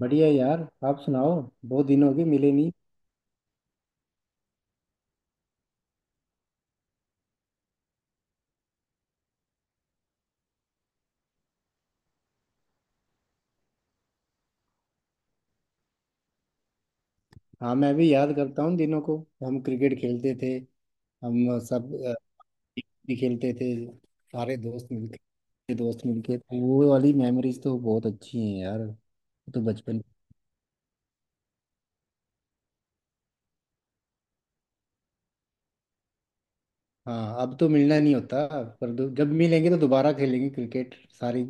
बढ़िया यार। आप सुनाओ। बहुत दिन हो गए मिले नहीं। हाँ, मैं भी याद करता हूँ दिनों को। हम क्रिकेट खेलते थे। हम सब भी खेलते थे। सारे दोस्त मिलके तो वो वाली मेमोरीज तो बहुत अच्छी हैं यार। वो तो बचपन। हाँ, अब तो मिलना नहीं होता। पर जब मिलेंगे तो दोबारा खेलेंगे क्रिकेट। सारी।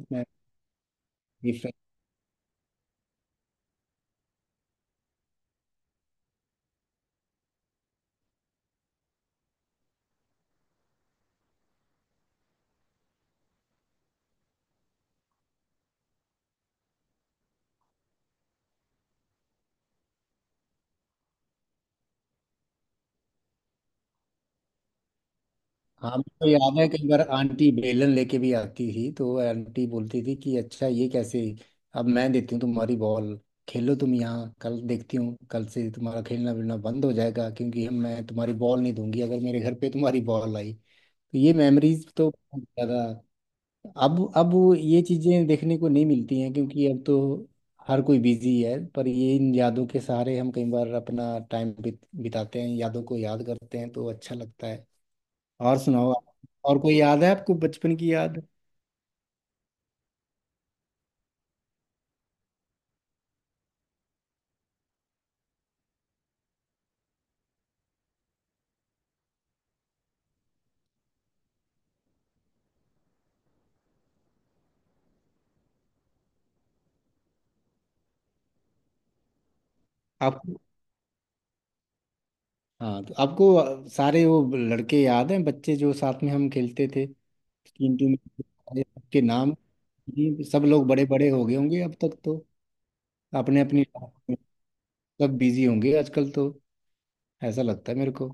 हाँ, मुझे तो याद है कई बार आंटी बेलन लेके भी आती थी, तो आंटी बोलती थी कि अच्छा ये कैसे, अब मैं देती हूँ तुम्हारी बॉल। खेलो तुम यहाँ, कल देखती हूँ। कल से तुम्हारा खेलना वेलना बंद हो जाएगा, क्योंकि हम मैं तुम्हारी बॉल नहीं दूंगी अगर मेरे घर पे तुम्हारी बॉल आई। तो ये मेमोरीज तो बहुत ज्यादा। अब वो ये चीजें देखने को नहीं मिलती हैं, क्योंकि अब तो हर कोई बिजी है। पर ये इन यादों के सहारे हम कई बार अपना टाइम बिताते हैं, यादों को याद करते हैं तो अच्छा लगता है। और सुनाओ। और कोई याद है आपको बचपन की याद? आपको। हाँ, तो आपको सारे वो लड़के याद हैं, बच्चे जो साथ में हम खेलते थे? टीम टीम में सबके नाम। ये सब लोग बड़े बड़े हो गए होंगे अब तक तो। अपने अपनी लाइफ में। सब बिजी होंगे आजकल तो। ऐसा लगता है मेरे को।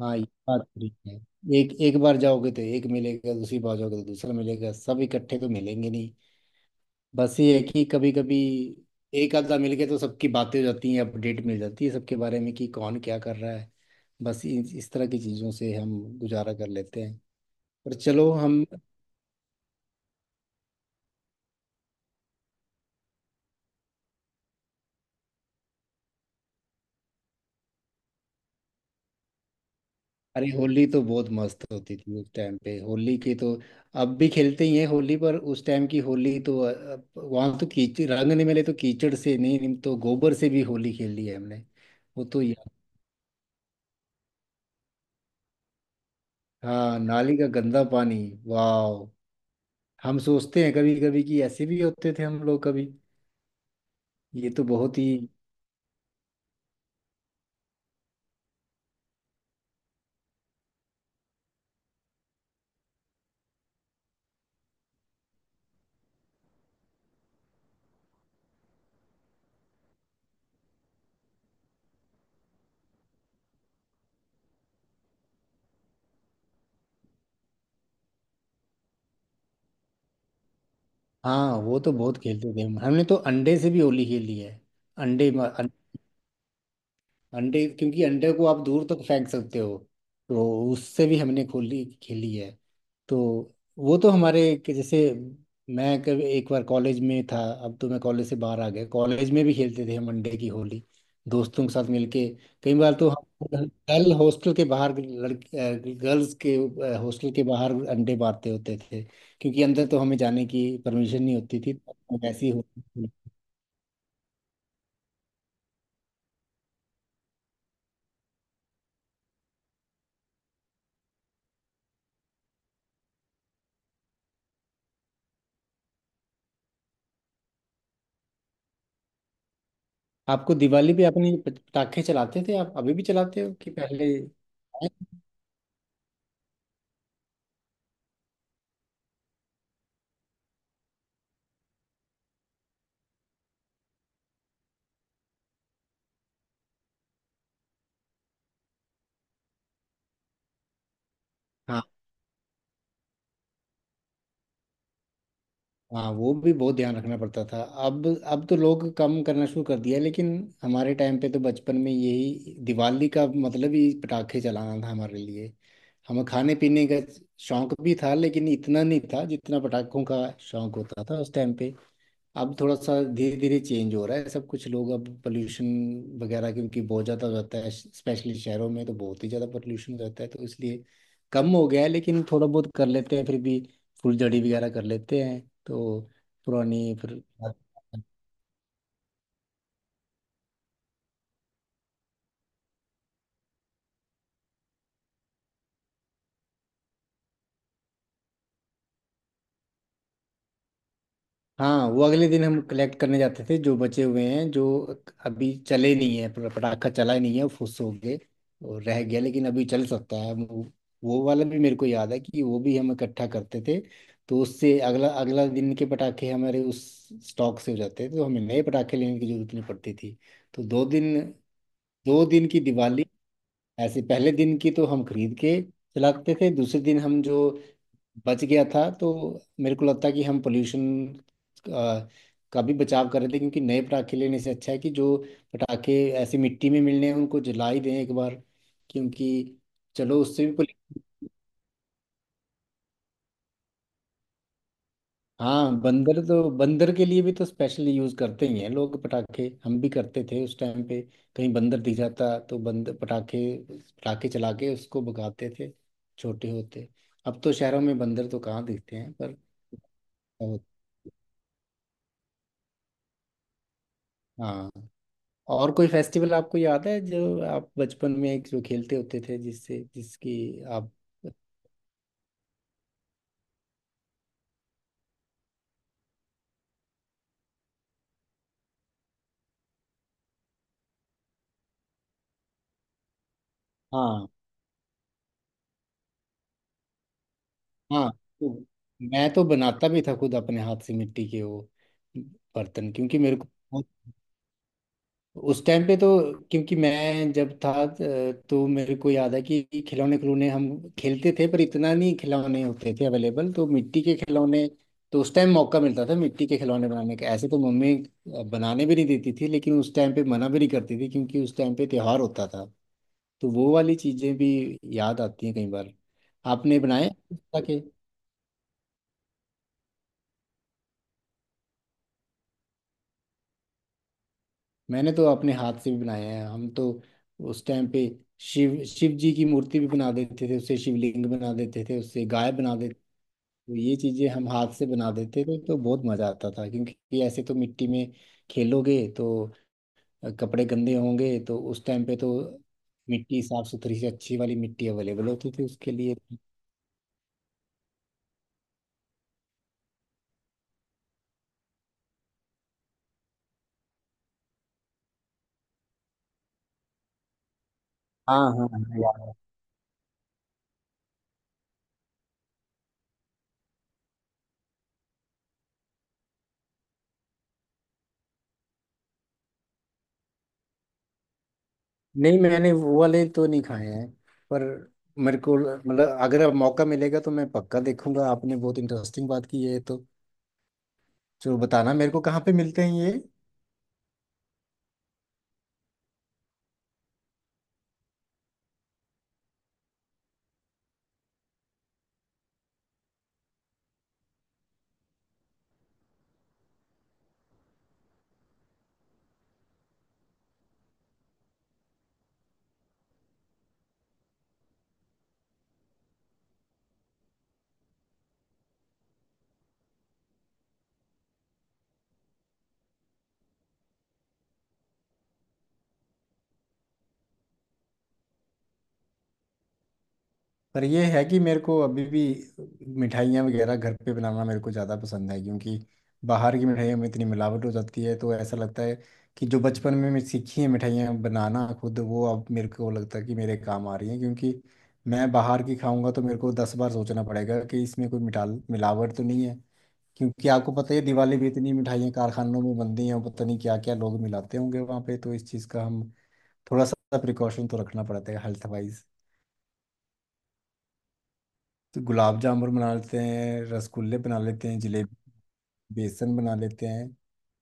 हाँ, ये बात ठीक है। एक एक बार जाओगे तो एक मिलेगा, दूसरी बार जाओगे तो दूसरा मिलेगा। सब इकट्ठे तो मिलेंगे नहीं। बस ये है कि कभी कभी एक आधा मिल के तो सबकी बातें हो जाती हैं, अपडेट मिल जाती है सबके बारे में कि कौन क्या कर रहा है। बस इस तरह की चीज़ों से हम गुजारा कर लेते हैं। पर चलो हम। अरे, होली तो बहुत मस्त होती थी उस टाइम पे। होली की तो अब भी खेलते ही हैं होली पर। उस टाइम की होली तो वहाँ तो कीचड़, रंग नहीं मिले तो कीचड़ से, नहीं नहीं तो गोबर से भी होली खेली है हमने। वो तो यार। हाँ, नाली का गंदा पानी। वाह। हम सोचते हैं कभी कभी कि ऐसे भी होते थे हम लोग कभी। ये तो बहुत ही। हाँ, वो तो बहुत खेलते थे हम। हमने तो अंडे से भी होली खेली है। अंडे। अंडे, क्योंकि अंडे को आप दूर तक फेंक सकते हो, तो उससे भी हमने खोली खेली है। तो वो तो हमारे, कि जैसे, मैं कभी एक बार कॉलेज में था। अब तो मैं कॉलेज से बाहर आ गया। कॉलेज में भी खेलते थे हम अंडे की होली दोस्तों के साथ मिलके। कई बार तो हम गर्ल हॉस्टल के बाहर, लड़के गर्ल्स के हॉस्टल के बाहर अंडे बांटते होते थे, क्योंकि अंदर तो हमें जाने की परमिशन नहीं होती थी, तो ऐसी होती। आपको दिवाली पे, आपने ये पटाखे चलाते थे, आप अभी भी चलाते हो कि पहले? हाँ हाँ। वो भी बहुत ध्यान रखना पड़ता था। अब तो लोग कम करना शुरू कर दिया, लेकिन हमारे टाइम पे तो बचपन में यही दिवाली का मतलब ही पटाखे चलाना था हमारे लिए। हमें खाने पीने का शौक भी था, लेकिन इतना नहीं था जितना पटाखों का शौक होता था उस टाइम पे। अब थोड़ा सा धीरे धीरे चेंज हो रहा है सब कुछ। लोग अब पोल्यूशन वगैरह, क्योंकि बहुत ज़्यादा रहता है स्पेशली शहरों में, तो बहुत ही ज़्यादा पोल्यूशन रहता है तो इसलिए कम हो गया है। लेकिन थोड़ा बहुत कर लेते हैं फिर भी, फुलझड़ी वगैरह कर लेते हैं तो। पुरानी फिर। हाँ, वो अगले दिन हम कलेक्ट करने जाते थे, जो बचे हुए हैं, जो अभी चले नहीं है, पूरा पटाखा चला ही नहीं है, फुस हो गए और रह गया लेकिन अभी चल सकता है वो। वो वाला भी मेरे को याद है कि वो भी हम इकट्ठा करते थे। तो उससे अगला अगला दिन के पटाखे हमारे उस स्टॉक से हो जाते थे, तो हमें नए पटाखे लेने की जरूरत नहीं पड़ती थी। तो 2 दिन, 2 दिन की दिवाली। ऐसे पहले दिन की तो हम खरीद के चलाते थे, दूसरे दिन हम जो बच गया था। तो मेरे को लगता है कि हम पोल्यूशन का भी बचाव कर रहे थे, क्योंकि नए पटाखे लेने से अच्छा है कि जो पटाखे ऐसी मिट्टी में मिलने हैं उनको जला ही दें एक बार, क्योंकि चलो उससे भी पोल्यू- हाँ, बंदर तो, बंदर के लिए भी तो स्पेशल यूज करते ही हैं लोग पटाखे, हम भी करते थे उस टाइम पे। कहीं बंदर दिख जाता तो बंदर, पटाखे पटाखे चला के उसको भगाते थे छोटे होते। अब तो शहरों में बंदर तो कहाँ दिखते हैं पर। हाँ। और कोई फेस्टिवल आपको याद है जो आप बचपन में जो खेलते होते थे, जिससे, जिसकी आप? हाँ, हाँ। तो मैं तो बनाता भी था खुद अपने हाथ से मिट्टी के वो बर्तन, क्योंकि मेरे को, उस टाइम पे तो, क्योंकि मैं जब था तो मेरे को याद है कि खिलौने, खिलौने हम खेलते थे, पर इतना नहीं खिलौने होते थे अवेलेबल, तो मिट्टी के खिलौने। तो उस टाइम मौका मिलता था मिट्टी के खिलौने बनाने का। ऐसे तो मम्मी बनाने भी नहीं देती थी, लेकिन उस टाइम पे मना भी नहीं करती थी, क्योंकि उस टाइम पे त्योहार होता था। तो वो वाली चीज़ें भी याद आती हैं कई बार। आपने बनाए? मैंने तो अपने हाथ से भी बनाए हैं हम तो। उस टाइम पे शिव शिव जी की मूर्ति भी बना देते थे उससे, शिवलिंग बना देते थे उससे, गाय बना देते थे। तो ये चीजें हम हाथ से बना देते थे, तो बहुत मजा आता था। क्योंकि ऐसे तो मिट्टी में खेलोगे तो कपड़े गंदे होंगे, तो उस टाइम पे तो मिट्टी साफ सुथरी से अच्छी वाली मिट्टी अवेलेबल होती थी उसके लिए। हाँ, हाँ, हाँ, याद है। नहीं, मैंने वो वाले तो नहीं खाए हैं, पर मेरे को मतलब अगर अब मौका मिलेगा तो मैं पक्का देखूंगा। आपने बहुत इंटरेस्टिंग बात की है, तो जरूर बताना मेरे को कहाँ पे मिलते हैं ये। पर ये है कि मेरे को अभी भी मिठाइयाँ वगैरह घर पे बनाना मेरे को ज़्यादा पसंद है, क्योंकि बाहर की मिठाइयों में इतनी मिलावट हो जाती है। तो ऐसा लगता है कि जो बचपन में मैं सीखी है मिठाइयाँ बनाना खुद, वो अब मेरे को लगता है कि मेरे काम आ रही हैं, क्योंकि मैं बाहर की खाऊंगा तो मेरे को दस बार सोचना पड़ेगा कि इसमें कोई मिठाल, मिलावट तो नहीं है। क्योंकि आपको पता ही है, दिवाली भी इतनी मिठाइयाँ कारखानों में बनती हैं, पता नहीं क्या क्या लोग मिलाते होंगे वहाँ पे। तो इस चीज़ का हम थोड़ा सा प्रिकॉशन तो रखना पड़ता है हेल्थ वाइज। तो गुलाब जामुन बना लेते हैं, रसगुल्ले बना लेते हैं, जलेबी, बेसन बना लेते हैं,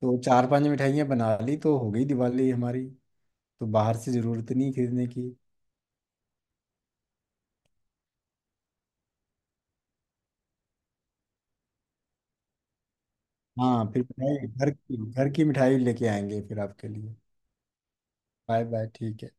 तो चार पांच मिठाइयाँ बना ली तो हो गई दिवाली हमारी। तो बाहर से ज़रूरत नहीं खरीदने की। हाँ, फिर मिठाई, घर की मिठाई लेके आएंगे फिर आपके लिए। Bye bye. ठीक है।